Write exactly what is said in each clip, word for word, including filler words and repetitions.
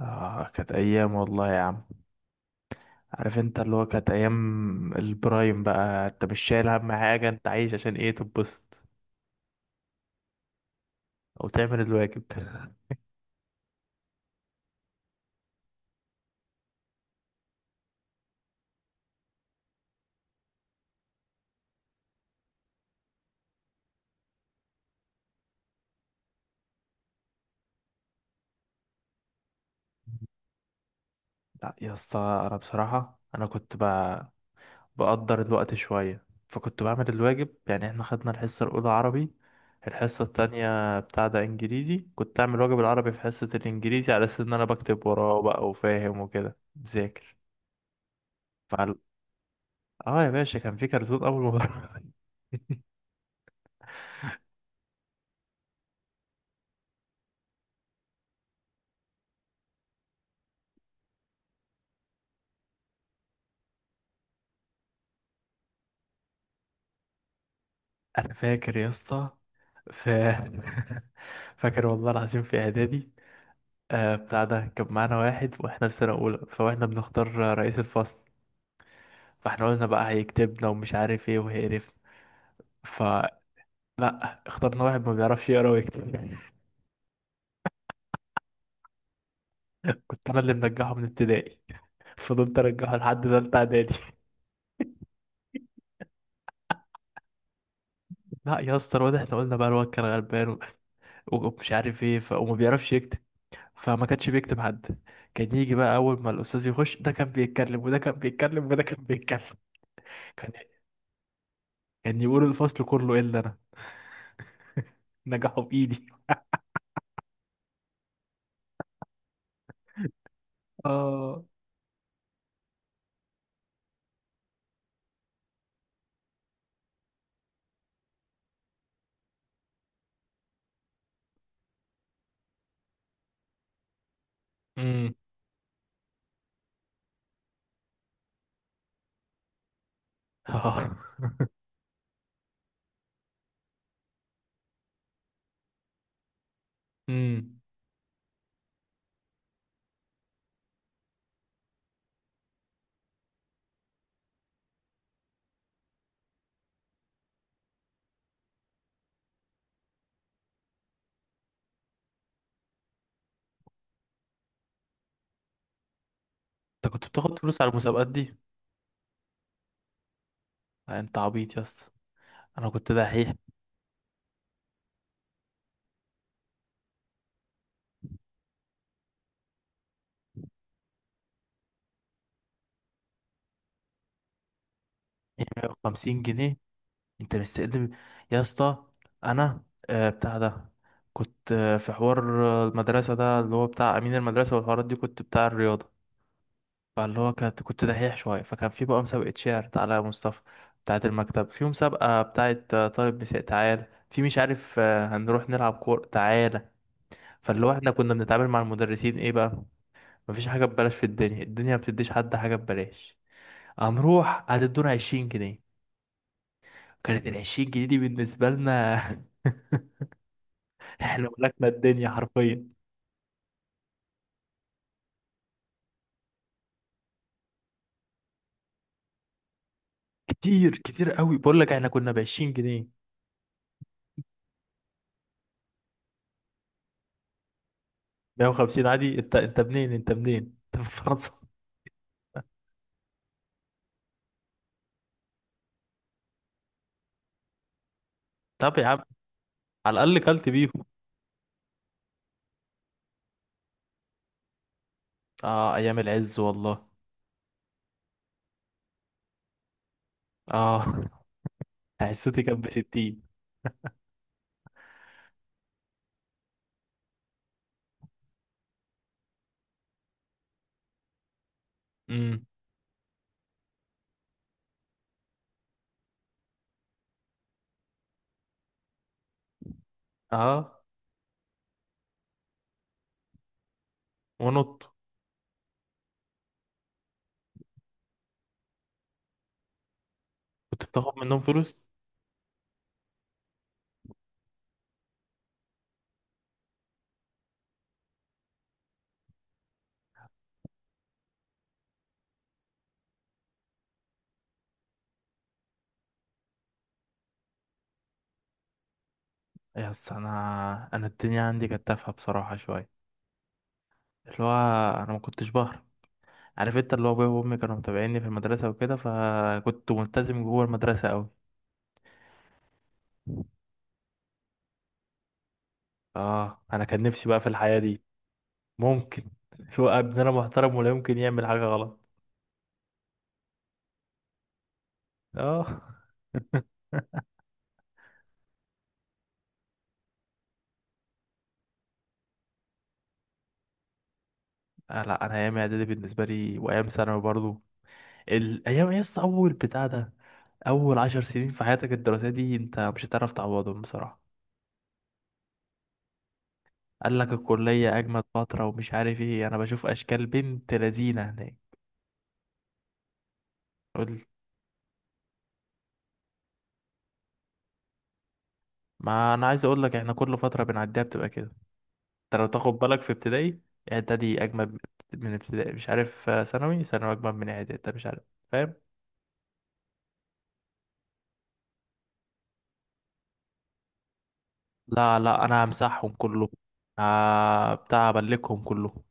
آه كانت أيام والله يا عم. عارف انت اللي هو كانت أيام البرايم بقى، انت مش شايل هم حاجة، انت عايش عشان ايه، تتبسط أو تعمل الواجب. لا يا اسطى، أنا بصراحة أنا كنت ب- بقدر الوقت شوية، فكنت بعمل الواجب يعني. احنا خدنا الحصة الأولى عربي، الحصة التانية بتاع ده إنجليزي، كنت أعمل واجب العربي في حصة الإنجليزي على أساس إن أنا بكتب وراه بقى وفاهم وكده مذاكر. فال... اه يا باشا، كان في كرتون أول. ما انا فاكر يا اسطى. ف فاكر والله العظيم في اعدادي. آه بتاع ده كان معانا واحد واحنا في سنه اولى، فاحنا بنختار رئيس الفصل. فاحنا قلنا بقى هيكتبنا ومش عارف ايه وهيقرفنا، فلا اخترنا واحد ما بيعرفش يقرا ويكتب. كنت انا اللي منجحه من ابتدائي، فضلت ارجحه لحد تالتة اعدادي. لا يا اسطى الواد، احنا قلنا بقى الواد كان غلبان و- ومش عارف ايه ف... وما بيعرفش يكتب، فما كانش بيكتب حد. كان يجي بقى اول ما الاستاذ يخش، ده كان بيتكلم وده كان بيتكلم وده كان بيتكلم. كان كان يقول الفصل كله الا انا، نجحوا بايدي. اه امم. اه. امم. انت كنت بتاخد فلوس على المسابقات دي؟ لا، انت عبيط يا اسطى، انا كنت دحيح. مائة وخمسين جنيه، انت مستقدم يا اسطى. انا آه بتاع ده كنت آه في حوار، آه، المدرسه، ده اللي هو بتاع امين المدرسه والحوارات دي، كنت بتاع الرياضه. فاللي هو كنت كنت دحيح شوية، فكان في بقى مسابقة شعر على مصطفى بتاعة المكتب، في مسابقة بتاعة آه، طالب مساء، تعالى في مش عارف، آه، هنروح نلعب كورة، تعالى. فاللي هو احنا كنا بنتعامل مع المدرسين ايه بقى. مفيش حاجة ببلاش في الدنيا، الدنيا ما بتديش حد حاجة ببلاش. هنروح هتدونا عشرين جنيه. كانت العشرين جنيه دي بالنسبة لنا، احنا ملكنا الدنيا حرفيا. كتير كتير قوي، بقول لك احنا كنا بعشرين جنيه. مية وخمسين عادي؟ انت انت منين؟ انت منين؟ انت من فرنسا؟ طب يا عم، على الأقل كلت بيهم. اه أيام العز والله. اه حصتي كانت بستين. امم. اه. ونط. كنت بتاخد منهم فلوس؟ يا اسطى، أنا أنا الدنيا عندي كانت تافهة بصراحة شوية. اللي هو أنا ما كنتش بهرب. عارف انت اللي هو، أبويا وأمي كانوا متابعيني في المدرسة وكده، فكنت ملتزم جوه المدرسة أوي. اه، أنا كان نفسي بقى في الحياة دي. ممكن. شو ابننا محترم، ولا يمكن يعمل حاجة غلط. اه آه لا، انا ايام اعدادي بالنسبه لي وايام ثانوي برضو، الايام يا اسطى. اول بتاع ده، اول عشر سنين في حياتك الدراسيه دي، انت مش هتعرف تعوضهم بصراحه. قال لك الكليه اجمد فتره ومش عارف ايه، انا بشوف اشكال بنت لذينه هناك. قول. ما انا عايز اقول لك، احنا كل فتره بنعديها بتبقى كده. انت لو تاخد بالك، في ابتدائي اعدادي اجمد من من ابتدائي، مش عارف، آه، ثانوي ثانوي اجمد من اعدادي، انت مش عارف، فاهم. لا لا، انا همسحهم كلهم. آه بتاع ابلكهم كلهم.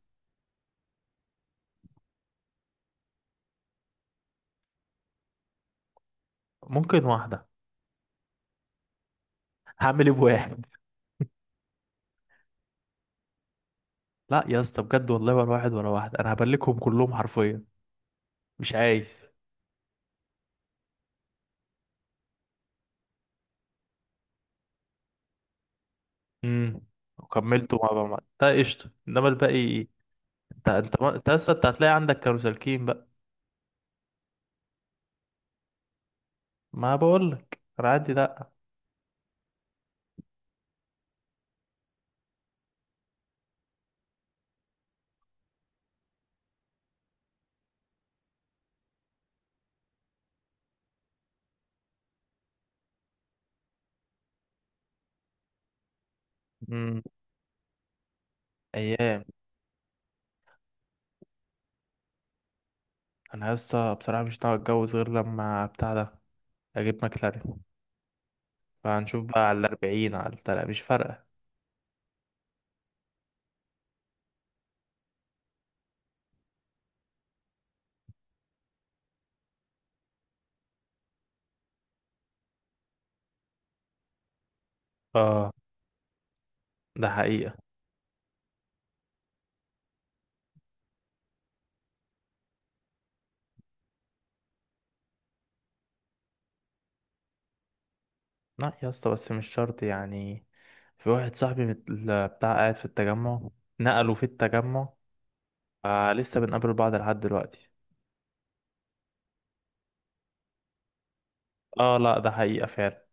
ممكن واحده. هعمل ايه بواحد؟ لا يا اسطى بجد والله، ورا واحد ورا واحد، انا هبلكهم كلهم حرفيا. مش عايز. امم. وكملته مع مع ده قشطه، انما الباقي... انت انت ما- انت اصلا انت هتلاقي عندك كانوا سالكين بقى. ما بقول لك انا عندي لا. امم. ايام. انا يا اسطى بصراحه مش ناوي اتجوز غير لما بتاع ده، اجيب مكلارين، فهنشوف بقى على الاربعين على التلاتة، مش فارقه. اه ده حقيقه. لا يا اسطى بس مش شرط يعني، في واحد صاحبي مت- ال- بتاع قاعد في التجمع، نقلوا في التجمع، آه لسه بنقابل بعض لحد دلوقتي. اه لا، ده حقيقة فعلا.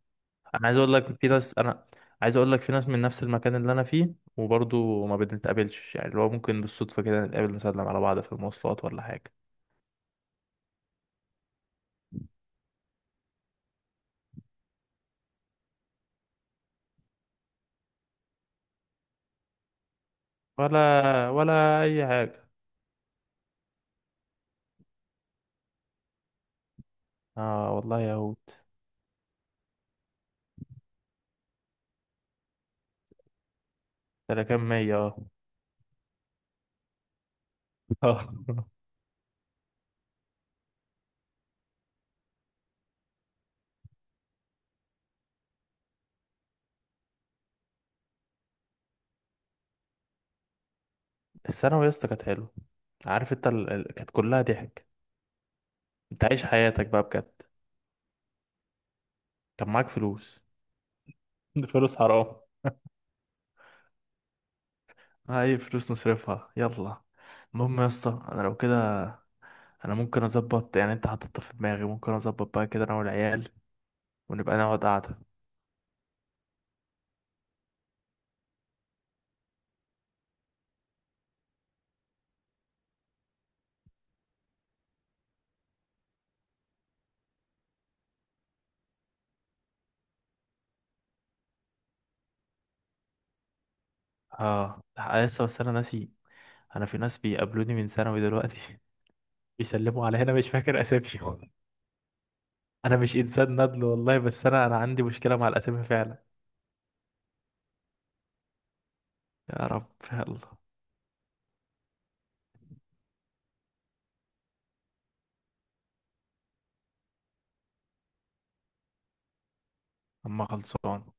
انا عايز اقول لك في ناس انا عايز اقول لك في ناس من نفس المكان اللي انا فيه وبرضه ما بنتقابلش، يعني اللي هو ممكن بالصدفة كده نتقابل نسلم على بعض في المواصلات، ولا حاجة، ولا ولا اي حاجة. اه والله يا هود. ده انا كام مية؟ اه آه. الثانوي يا اسطى كانت حلوة. عارف انت ال... ال- كانت كلها ضحك. انت عايش حياتك بقى بجد، كان معاك فلوس. فلوس حرام. اي فلوس نصرفها يلا. المهم يا اسطى، انا لو كده انا ممكن اظبط يعني، انت حاططها في دماغي، ممكن اظبط بقى كده انا والعيال ونبقى نقعد قعده. اه لأ، لسه. بس انا ناسي، انا في ناس بيقابلوني من ثانوي دلوقتي بيسلموا على هنا، مش فاكر اساميهم. انا مش انسان ندل والله، بس انا انا عندي مشكله مع الاسامي فعلا. يا رب يلا. اما خلصان